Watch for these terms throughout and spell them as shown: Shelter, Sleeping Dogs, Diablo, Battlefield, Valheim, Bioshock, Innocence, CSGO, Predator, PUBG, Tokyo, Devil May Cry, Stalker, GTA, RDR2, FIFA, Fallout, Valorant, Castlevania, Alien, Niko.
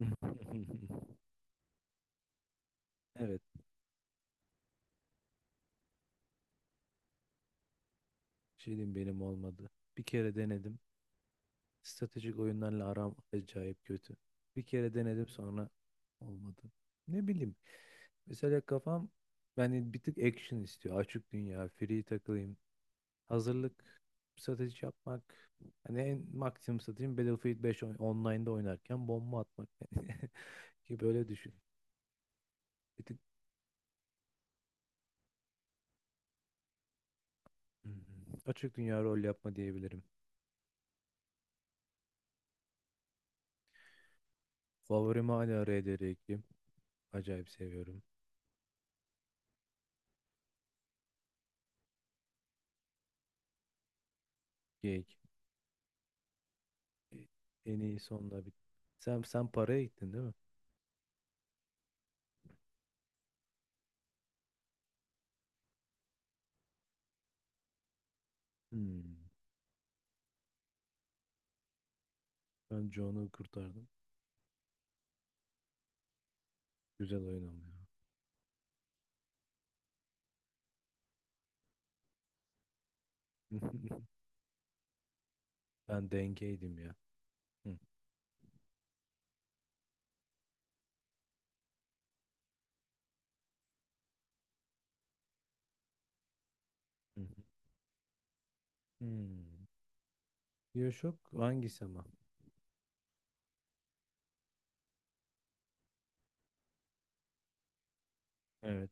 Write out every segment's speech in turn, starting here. Evet, bir şey diyeyim benim olmadı. Bir kere denedim. Stratejik oyunlarla aram acayip kötü. Bir kere denedim sonra olmadı. Ne bileyim. Mesela kafam, yani bir tık action istiyor. Açık dünya, free takılayım. Hazırlık, strateji yapmak. Hani en maksimum stratejim Battlefield 5 online'da oynarken bomba atmak. Yani ki böyle düşün. Bir tık, hı hı, açık dünya rol yapma diyebilirim. Favorim hala RDR2. Acayip seviyorum. Geek. En iyi onunla bit. Sen paraya gittin, değil mi? Hmm. Ben John'u kurtardım. Güzel oyun ama ya. Ben dengeydim ya. Hı, hı, hı. Hmm. Bioshock hangisi ama? Evet.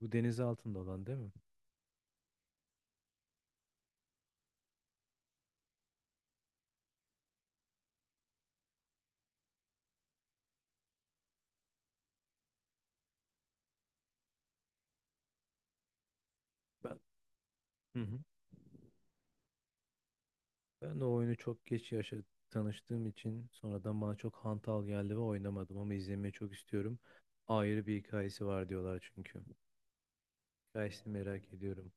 Bu deniz altında olan değil mi? Ben, hı hı. Ben o oyunu çok geç yaşa tanıştığım için sonradan bana çok hantal geldi ve oynamadım, ama izlemeyi çok istiyorum. Ayrı bir hikayesi var diyorlar çünkü. Hikayesini merak ediyorum.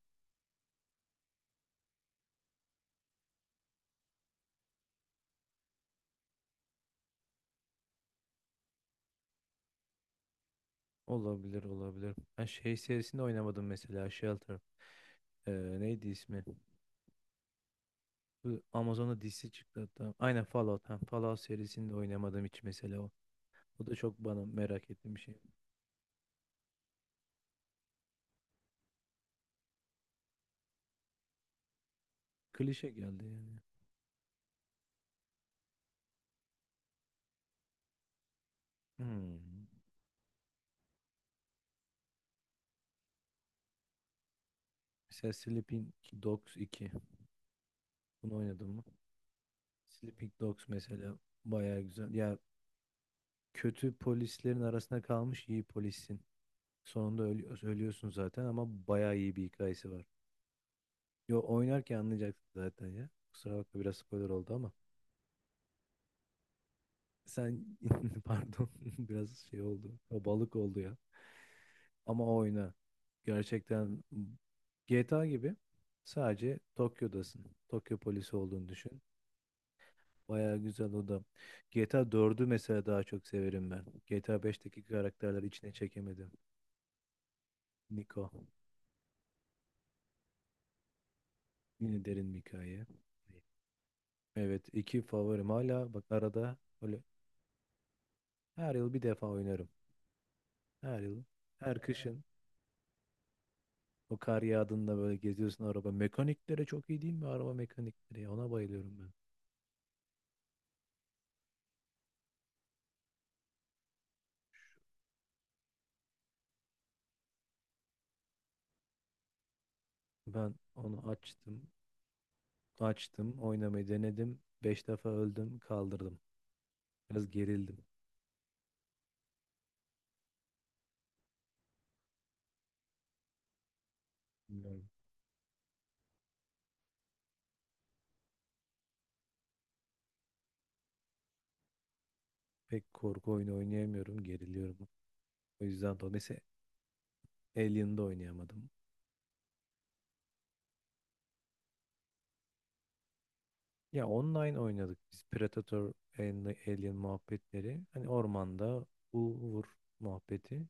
Olabilir, olabilir. Ben şey serisinde oynamadım, mesela Shelter. Ee, Neydi ismi? Bu Amazon'da dizisi çıktı hatta. Aynen, Fallout. Ha, Fallout serisinde oynamadım hiç mesela o. O da çok bana merak ettiğim bir şey. Klişe geldi yani. Hmm. Mesela Sleeping Dogs 2. Bunu oynadım mı? Sleeping Dogs mesela bayağı güzel. Ya, kötü polislerin arasında kalmış iyi polissin. Sonunda ölüyorsun zaten, ama bayağı iyi bir hikayesi var. Yo, oynarken anlayacaksın zaten ya. Kusura bakma, biraz spoiler oldu ama. Sen pardon biraz şey oldu. Balık oldu ya. Ama oyna. Gerçekten GTA gibi, sadece Tokyo'dasın. Tokyo polisi olduğunu düşün. Baya güzel o da. GTA dördü mesela daha çok severim ben. GTA beşteki karakterler içine çekemedim. Niko. Yine derin bir hikaye. Evet, iki favorim hala bak, arada böyle her yıl bir defa oynarım. Her yıl. Her kışın. O kar yağdığında böyle geziyorsun araba. Mekanikleri çok iyi değil mi? Araba mekanikleri. Ya? Ona bayılıyorum ben. Ben onu açtım. Açtım. Oynamayı denedim. Beş defa öldüm. Kaldırdım. Biraz gerildim. Bilmiyorum. Pek korku oyunu oynayamıyorum. Geriliyorum. O yüzden dolayı mesela Alien'da oynayamadım. Ya, online oynadık biz. Predator Alien muhabbetleri. Hani ormanda bu vur muhabbeti.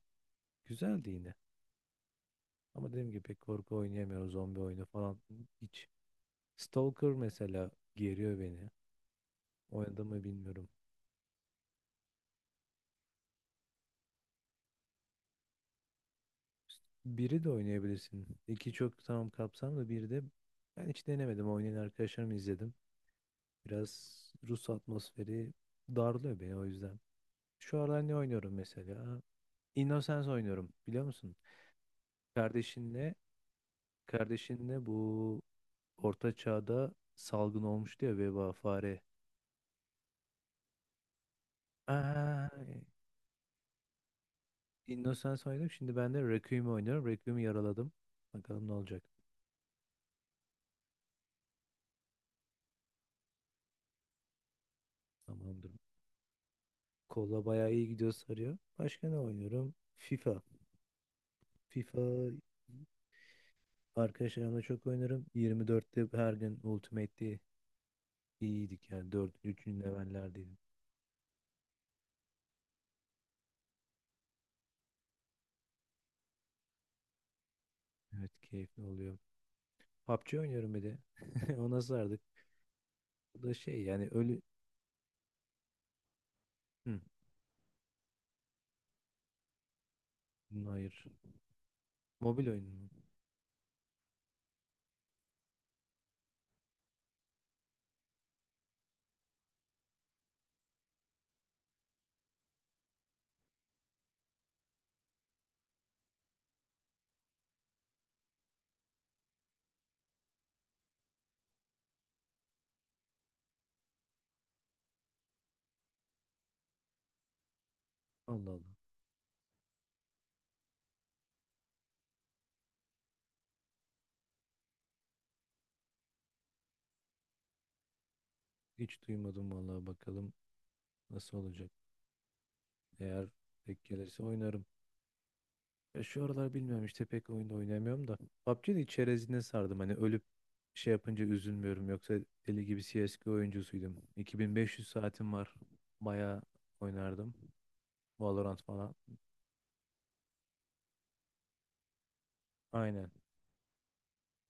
Güzeldi yine. Ama dediğim gibi pek korku oynayamıyorum. Zombi oyunu falan hiç. Stalker mesela geriyor beni. Oynadı mı bilmiyorum. Biri de oynayabilirsin. İki çok tamam kapsamlı, biri de ben hiç denemedim. Oynayan arkadaşlarımı izledim. Biraz Rus atmosferi darlıyor beni o yüzden. Şu aralar ne oynuyorum mesela? Innocence oynuyorum, biliyor musun? Kardeşinle kardeşinle bu Orta Çağ'da salgın olmuştu ya, veba, fare. Aa, Innocence oynadım. Şimdi ben de Requiem'i oynuyorum. Requiem'i yaraladım. Bakalım ne olacak. Tamamdır. Kolla bayağı iyi gidiyor, sarıyor. Başka ne oynuyorum? FIFA. FIFA arkadaşlarımla çok oynarım. 24'te her gün Ultimate'de iyiydik yani, 4. üçüncü levellerdeydim. Evet, keyifli oluyor. PUBG oynuyorum bir de. Ona sardık. Bu da şey yani ölü... Hı, hayır. Mobil oyun mu? Allah Allah. Hiç duymadım vallahi, bakalım nasıl olacak. Eğer denk gelirse oynarım. Ya şu aralar bilmiyorum işte, pek oyunda oynamıyorum da. PUBG'nin çerezine sardım, hani ölüp şey yapınca üzülmüyorum. Yoksa deli gibi CSGO oyuncusuydum. 2500 saatim var. Bayağı oynardım. Valorant falan. Aynen.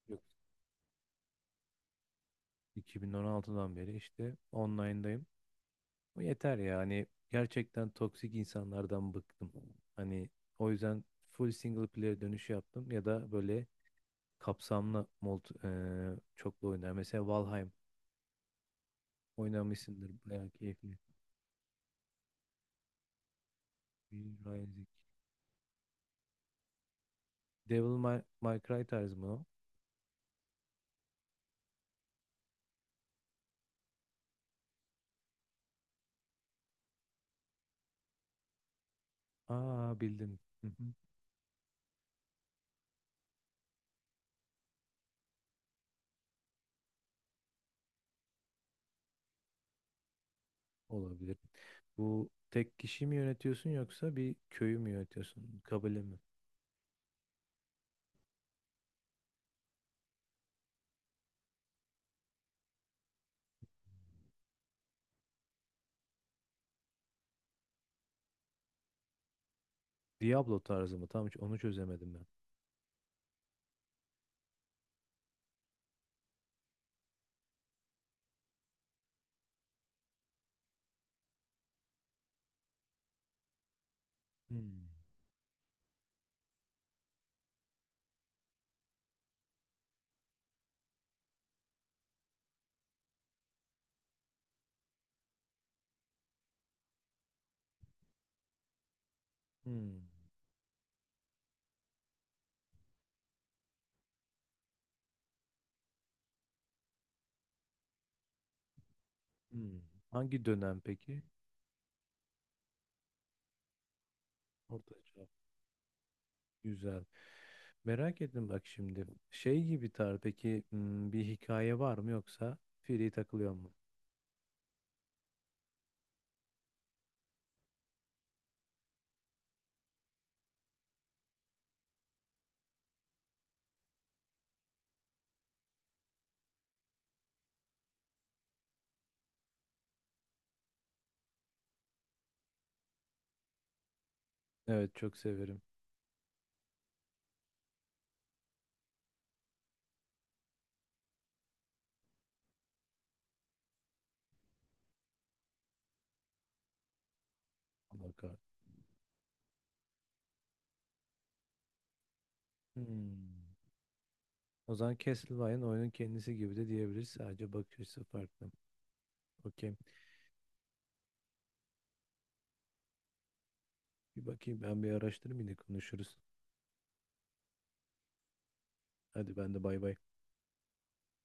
Yok. 2016'dan beri işte online'dayım. Bu yeter ya, hani gerçekten toksik insanlardan bıktım. Hani o yüzden full single player dönüşü yaptım, ya da böyle kapsamlı multi, çoklu oynar. Mesela Valheim oynamışsındır, bayağı keyifli. Bir Rising. Devil May Cry tarzı mı o? Aa, bildim. Hı hı. Olabilir. Bu tek kişi mi yönetiyorsun yoksa bir köyü mü yönetiyorsun? Kabile mi? Diablo tarzı mı? Tam hiç onu çözemedim ben. Hmm. Hmm. Hmm. Hangi dönem peki? Orta çağ. Güzel. Merak ettim bak şimdi. Şey gibi tar peki, bir hikaye var mı yoksa free takılıyor mu? Evet, çok severim. Bakar. Hmm. O zaman Castlevania oyunun kendisi gibi de diyebiliriz. Sadece bakış açısı farklı. Okey. Bir bakayım ben, bir araştırayım, yine konuşuruz. Hadi ben de, bay bay.